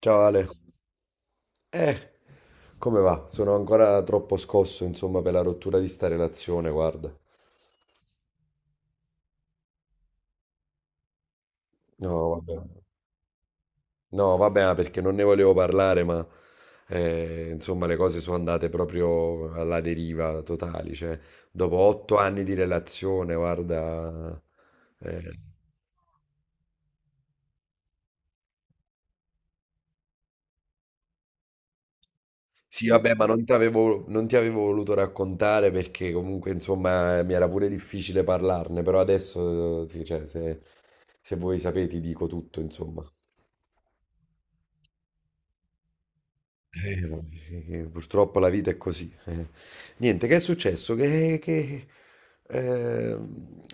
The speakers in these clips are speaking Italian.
Ciao Ale, eh, come va? Sono ancora troppo scosso, insomma, per la rottura di sta relazione, guarda. No, vabbè, no, vabbè, ma perché non ne volevo parlare, ma insomma, le cose sono andate proprio alla deriva totali, cioè, dopo 8 anni di relazione, guarda. eh, Sì, vabbè, ma non ti avevo, non ti avevo voluto raccontare perché comunque, insomma, mi era pure difficile parlarne, però adesso, sì, cioè, se vuoi sapere, ti dico tutto, insomma. Eh, no, purtroppo la vita è così. Niente, che è successo? Eh,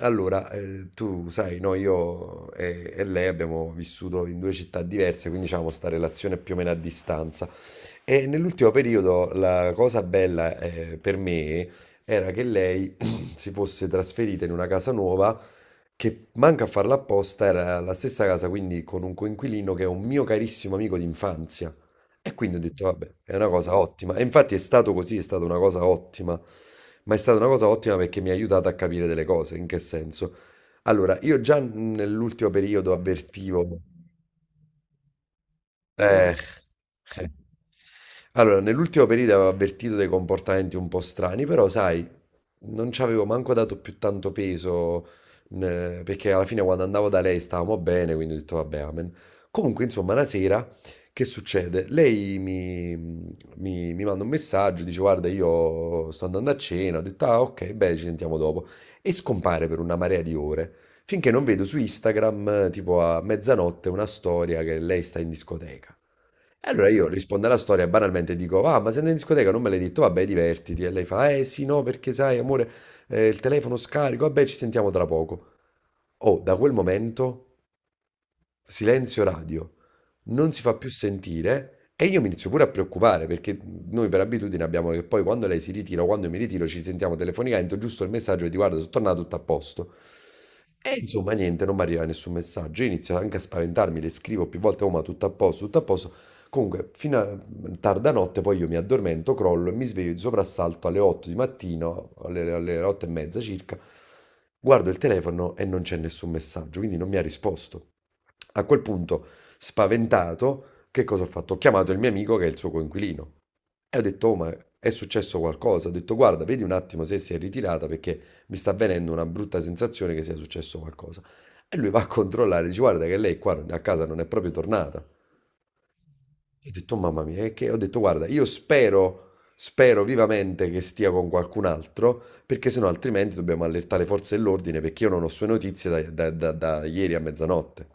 allora, tu sai, no, io e lei abbiamo vissuto in due città diverse, quindi diciamo sta relazione è più o meno a distanza. E nell'ultimo periodo la cosa bella per me era che lei si fosse trasferita in una casa nuova che manca a farla apposta, era la stessa casa quindi con un coinquilino che è un mio carissimo amico d'infanzia. E quindi ho detto, vabbè, è una cosa ottima. E infatti è stato così, è stata una cosa ottima. Ma è stata una cosa ottima perché mi ha aiutato a capire delle cose. In che senso? Allora, io già nell'ultimo periodo avvertivo. Eh. eh. Allora, nell'ultimo periodo avevo avvertito dei comportamenti un po' strani, però sai, non ci avevo manco dato più tanto peso, perché alla fine quando andavo da lei stavamo bene, quindi ho detto vabbè, amen. Comunque, insomma, una sera, che succede? Lei mi manda un messaggio, dice guarda, io sto andando a cena, ho detto ah ok, beh, ci sentiamo dopo, e scompare per una marea di ore. Finché non vedo su Instagram, tipo a mezzanotte, una storia che lei sta in discoteca. E allora io rispondo alla storia e banalmente dico, ah, ma sei andata in discoteca? Non me l'hai detto, vabbè, divertiti. E lei fa, eh sì, no, perché sai, amore, il telefono scarico, vabbè, ci sentiamo tra poco. Oh, da quel momento silenzio radio, non si fa più sentire e io mi inizio pure a preoccupare perché noi per abitudine abbiamo che poi quando lei si ritira o quando io mi ritiro ci sentiamo telefonicamente, giusto il messaggio che ti guarda, sono tornato tutto a posto. E insomma niente, non mi arriva nessun messaggio, io inizio anche a spaventarmi, le scrivo più volte, oh ma tutto a posto, tutto a posto. Comunque, fino a tarda notte poi io mi addormento, crollo e mi sveglio di soprassalto alle 8 di mattino, alle 8 e mezza circa, guardo il telefono e non c'è nessun messaggio, quindi non mi ha risposto. A quel punto, spaventato, che cosa ho fatto? Ho chiamato il mio amico che è il suo coinquilino e ho detto, oh, ma è successo qualcosa? Ho detto, guarda, vedi un attimo se si è ritirata perché mi sta avvenendo una brutta sensazione che sia successo qualcosa. E lui va a controllare, dice, guarda che lei qua a casa non è proprio tornata. E ho detto, "Oh, mamma mia, e che? Ho detto, guarda, io spero vivamente che stia con qualcun altro, perché sennò altrimenti dobbiamo allertare le forze dell'ordine, perché io non ho sue notizie da ieri a mezzanotte.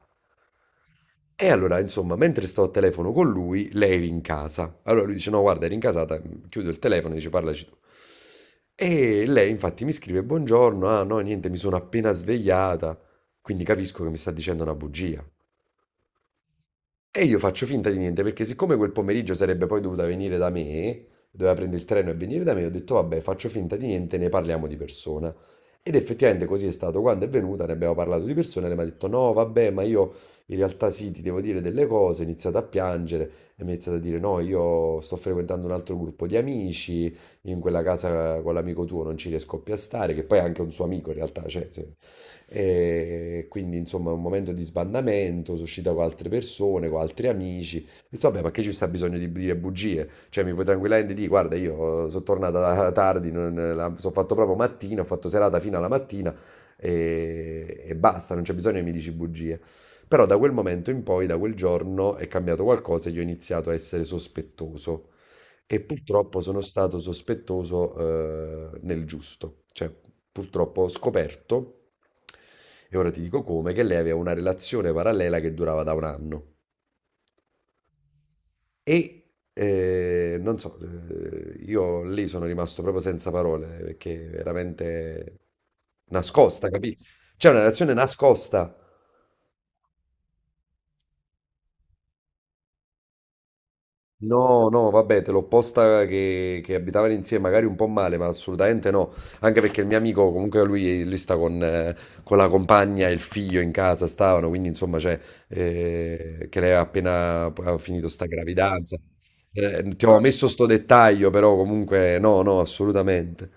E allora, insomma, mentre sto al telefono con lui, lei eri in casa. Allora lui dice: No, guarda, eri in casata. Chiudo il telefono e dice: Parlaci tu. E lei, infatti, mi scrive: Buongiorno. Ah, no, niente, mi sono appena svegliata. Quindi capisco che mi sta dicendo una bugia. E io faccio finta di niente perché siccome quel pomeriggio sarebbe poi dovuta venire da me, doveva prendere il treno e venire da me, ho detto vabbè, faccio finta di niente, ne parliamo di persona. Ed effettivamente così è stato. Quando è venuta ne abbiamo parlato di persona e lei mi ha detto no, vabbè, ma io in realtà sì, ti devo dire delle cose, ho iniziato a piangere e mi ha iniziato a dire no, io sto frequentando un altro gruppo di amici, in quella casa con l'amico tuo non ci riesco più a stare, che poi è anche un suo amico in realtà, cioè, sì. E quindi insomma un momento di sbandamento, sono uscita con altre persone, con altri amici. Ho detto vabbè ma che ci sta bisogno di dire bugie? Cioè mi puoi tranquillamente dire guarda io sono tornata tardi, sono fatto proprio mattina, ho fatto serata fino alla mattina e basta, non c'è bisogno che mi dici bugie. Però da quel momento in poi, da quel giorno, è cambiato qualcosa e io ho iniziato a essere sospettoso. E purtroppo sono stato sospettoso, nel giusto, cioè purtroppo ho scoperto, e ora ti dico come, che lei aveva una relazione parallela che durava da un anno. E non so, io lì sono rimasto proprio senza parole, perché veramente nascosta, capito? C'è una relazione nascosta. No, no, vabbè, te l'ho posta che, abitavano insieme, magari un po' male, ma assolutamente no. Anche perché il mio amico, comunque lui sta con la compagna e il figlio in casa, stavano, quindi insomma, cioè, che lei ha appena ha finito sta gravidanza. Ti ho messo sto dettaglio, però comunque no, no, assolutamente.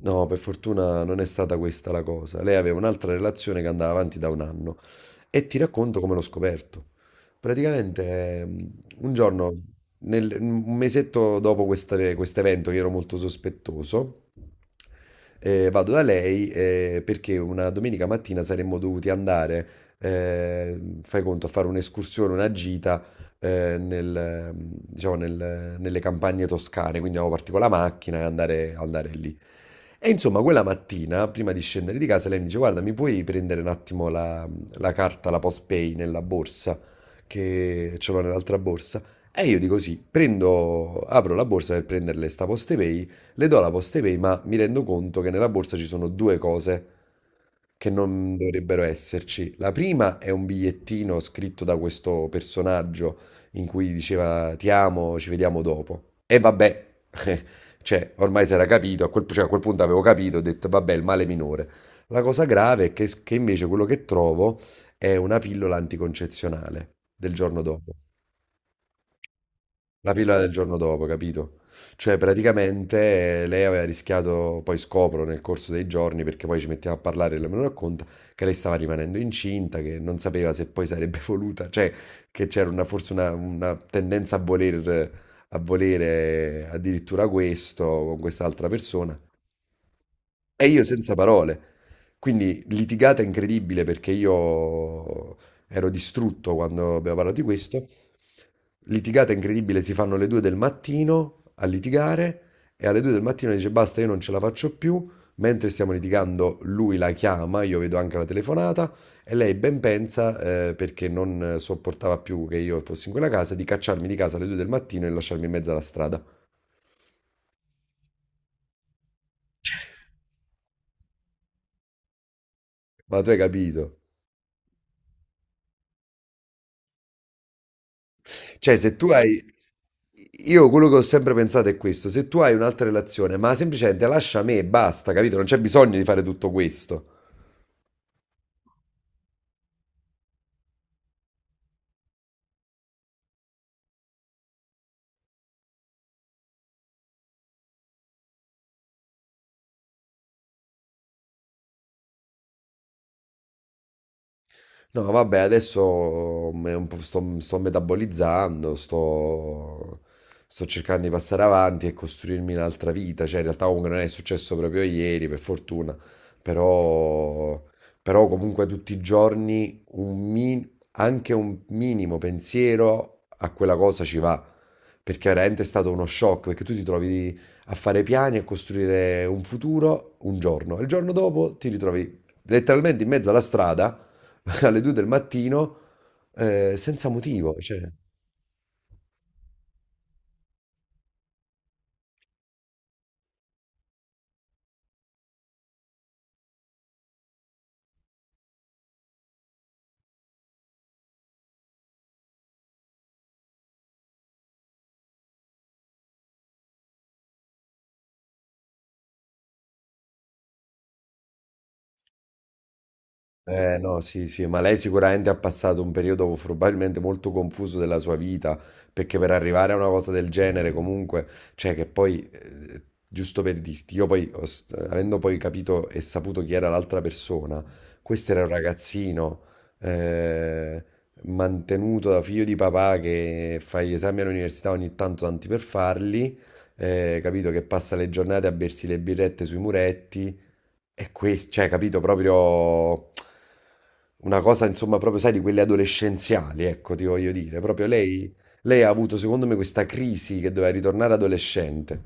No, per fortuna non è stata questa la cosa. Lei aveva un'altra relazione che andava avanti da un anno e ti racconto come l'ho scoperto. Praticamente un giorno, un mesetto dopo questo evento, che ero molto sospettoso, vado da lei perché una domenica mattina saremmo dovuti andare, fai conto, a fare un'escursione, una gita eh, nel, diciamo, nelle campagne toscane, quindi avevo partito con la macchina e andare lì. E insomma, quella mattina, prima di scendere di casa, lei mi dice: Guarda, mi puoi prendere un attimo la carta, la postpay nella borsa, che ce l'ho nell'altra borsa. E io dico sì, prendo, apro la borsa per prenderle sta postepay, le do la postepay, ma mi rendo conto che nella borsa ci sono due cose che non dovrebbero esserci. La prima è un bigliettino scritto da questo personaggio in cui diceva ti amo, ci vediamo dopo. E vabbè, cioè, ormai si era capito, a quel, cioè, a quel punto avevo capito, ho detto vabbè, il male minore. La cosa grave è che, invece quello che trovo è una pillola anticoncezionale del giorno dopo. La pillola del giorno dopo, capito? Cioè, praticamente lei aveva rischiato, poi scopro nel corso dei giorni, perché poi ci mettiamo a parlare e lei me lo racconta, che lei stava rimanendo incinta, che non sapeva se poi sarebbe voluta, cioè che c'era forse una tendenza a volere addirittura questo con quest'altra persona. E io senza parole. Quindi litigata incredibile perché io ero distrutto quando abbiamo parlato di questo. Litigata incredibile, si fanno le due del mattino a litigare e alle due del mattino dice basta, io non ce la faccio più. Mentre stiamo litigando, lui la chiama, io vedo anche la telefonata e lei ben pensa, perché non sopportava più che io fossi in quella casa, di cacciarmi di casa alle due del mattino e lasciarmi in mezzo alla strada. Ma tu hai capito? Cioè, se tu hai. Io quello che ho sempre pensato è questo, se tu hai un'altra relazione, ma semplicemente lascia me e basta, capito? Non c'è bisogno di fare tutto questo. No, vabbè, adesso è un po' sto metabolizzando, sto cercando di passare avanti e costruirmi un'altra vita. Cioè, in realtà comunque non è successo proprio ieri, per fortuna, però, però comunque tutti i giorni anche un minimo pensiero a quella cosa ci va, perché veramente è stato uno shock, perché tu ti trovi a fare piani e a costruire un futuro un giorno, e il giorno dopo ti ritrovi letteralmente in mezzo alla strada alle 2 del mattino, senza motivo, cioè. Eh no, sì, sì, ma lei sicuramente ha passato un periodo probabilmente molto confuso della sua vita, perché per arrivare a una cosa del genere comunque, cioè che poi, giusto per dirti, io poi, avendo poi capito e saputo chi era l'altra persona, questo era un ragazzino eh, mantenuto da figlio di papà che fa gli esami all'università ogni tanto tanti per farli, capito che passa le giornate a bersi le birrette sui muretti è questo, cioè, capito, proprio una cosa, insomma, proprio, sai, di quelle adolescenziali, ecco, ti voglio dire. Proprio lei ha avuto, secondo me, questa crisi che doveva ritornare adolescente.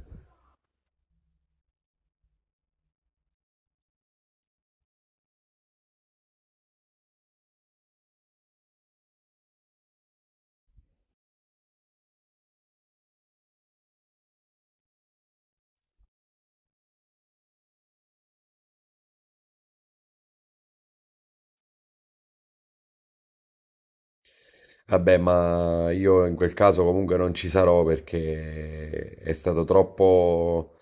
Vabbè, ma io in quel caso comunque non ci sarò perché è stato troppo.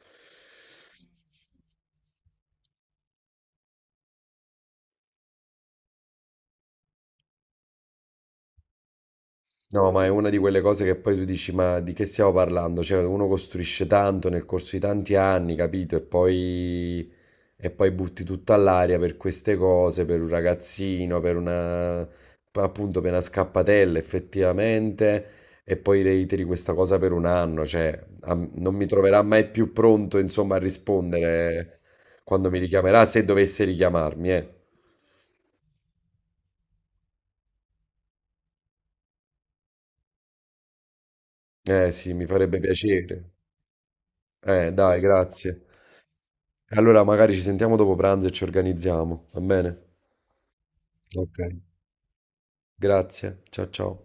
No, ma è una di quelle cose che poi tu dici, ma di che stiamo parlando? Cioè, uno costruisce tanto nel corso di tanti anni, capito? E poi butti tutto all'aria per queste cose, per un ragazzino, per una, appunto, per una scappatella effettivamente, e poi reiteri questa cosa per un anno, cioè non mi troverà mai più pronto, insomma, a rispondere quando mi richiamerà, se dovesse richiamarmi, eh. Eh sì, mi farebbe piacere. Dai, grazie. Allora magari ci sentiamo dopo pranzo e ci organizziamo, va bene? Ok. Grazie, ciao ciao.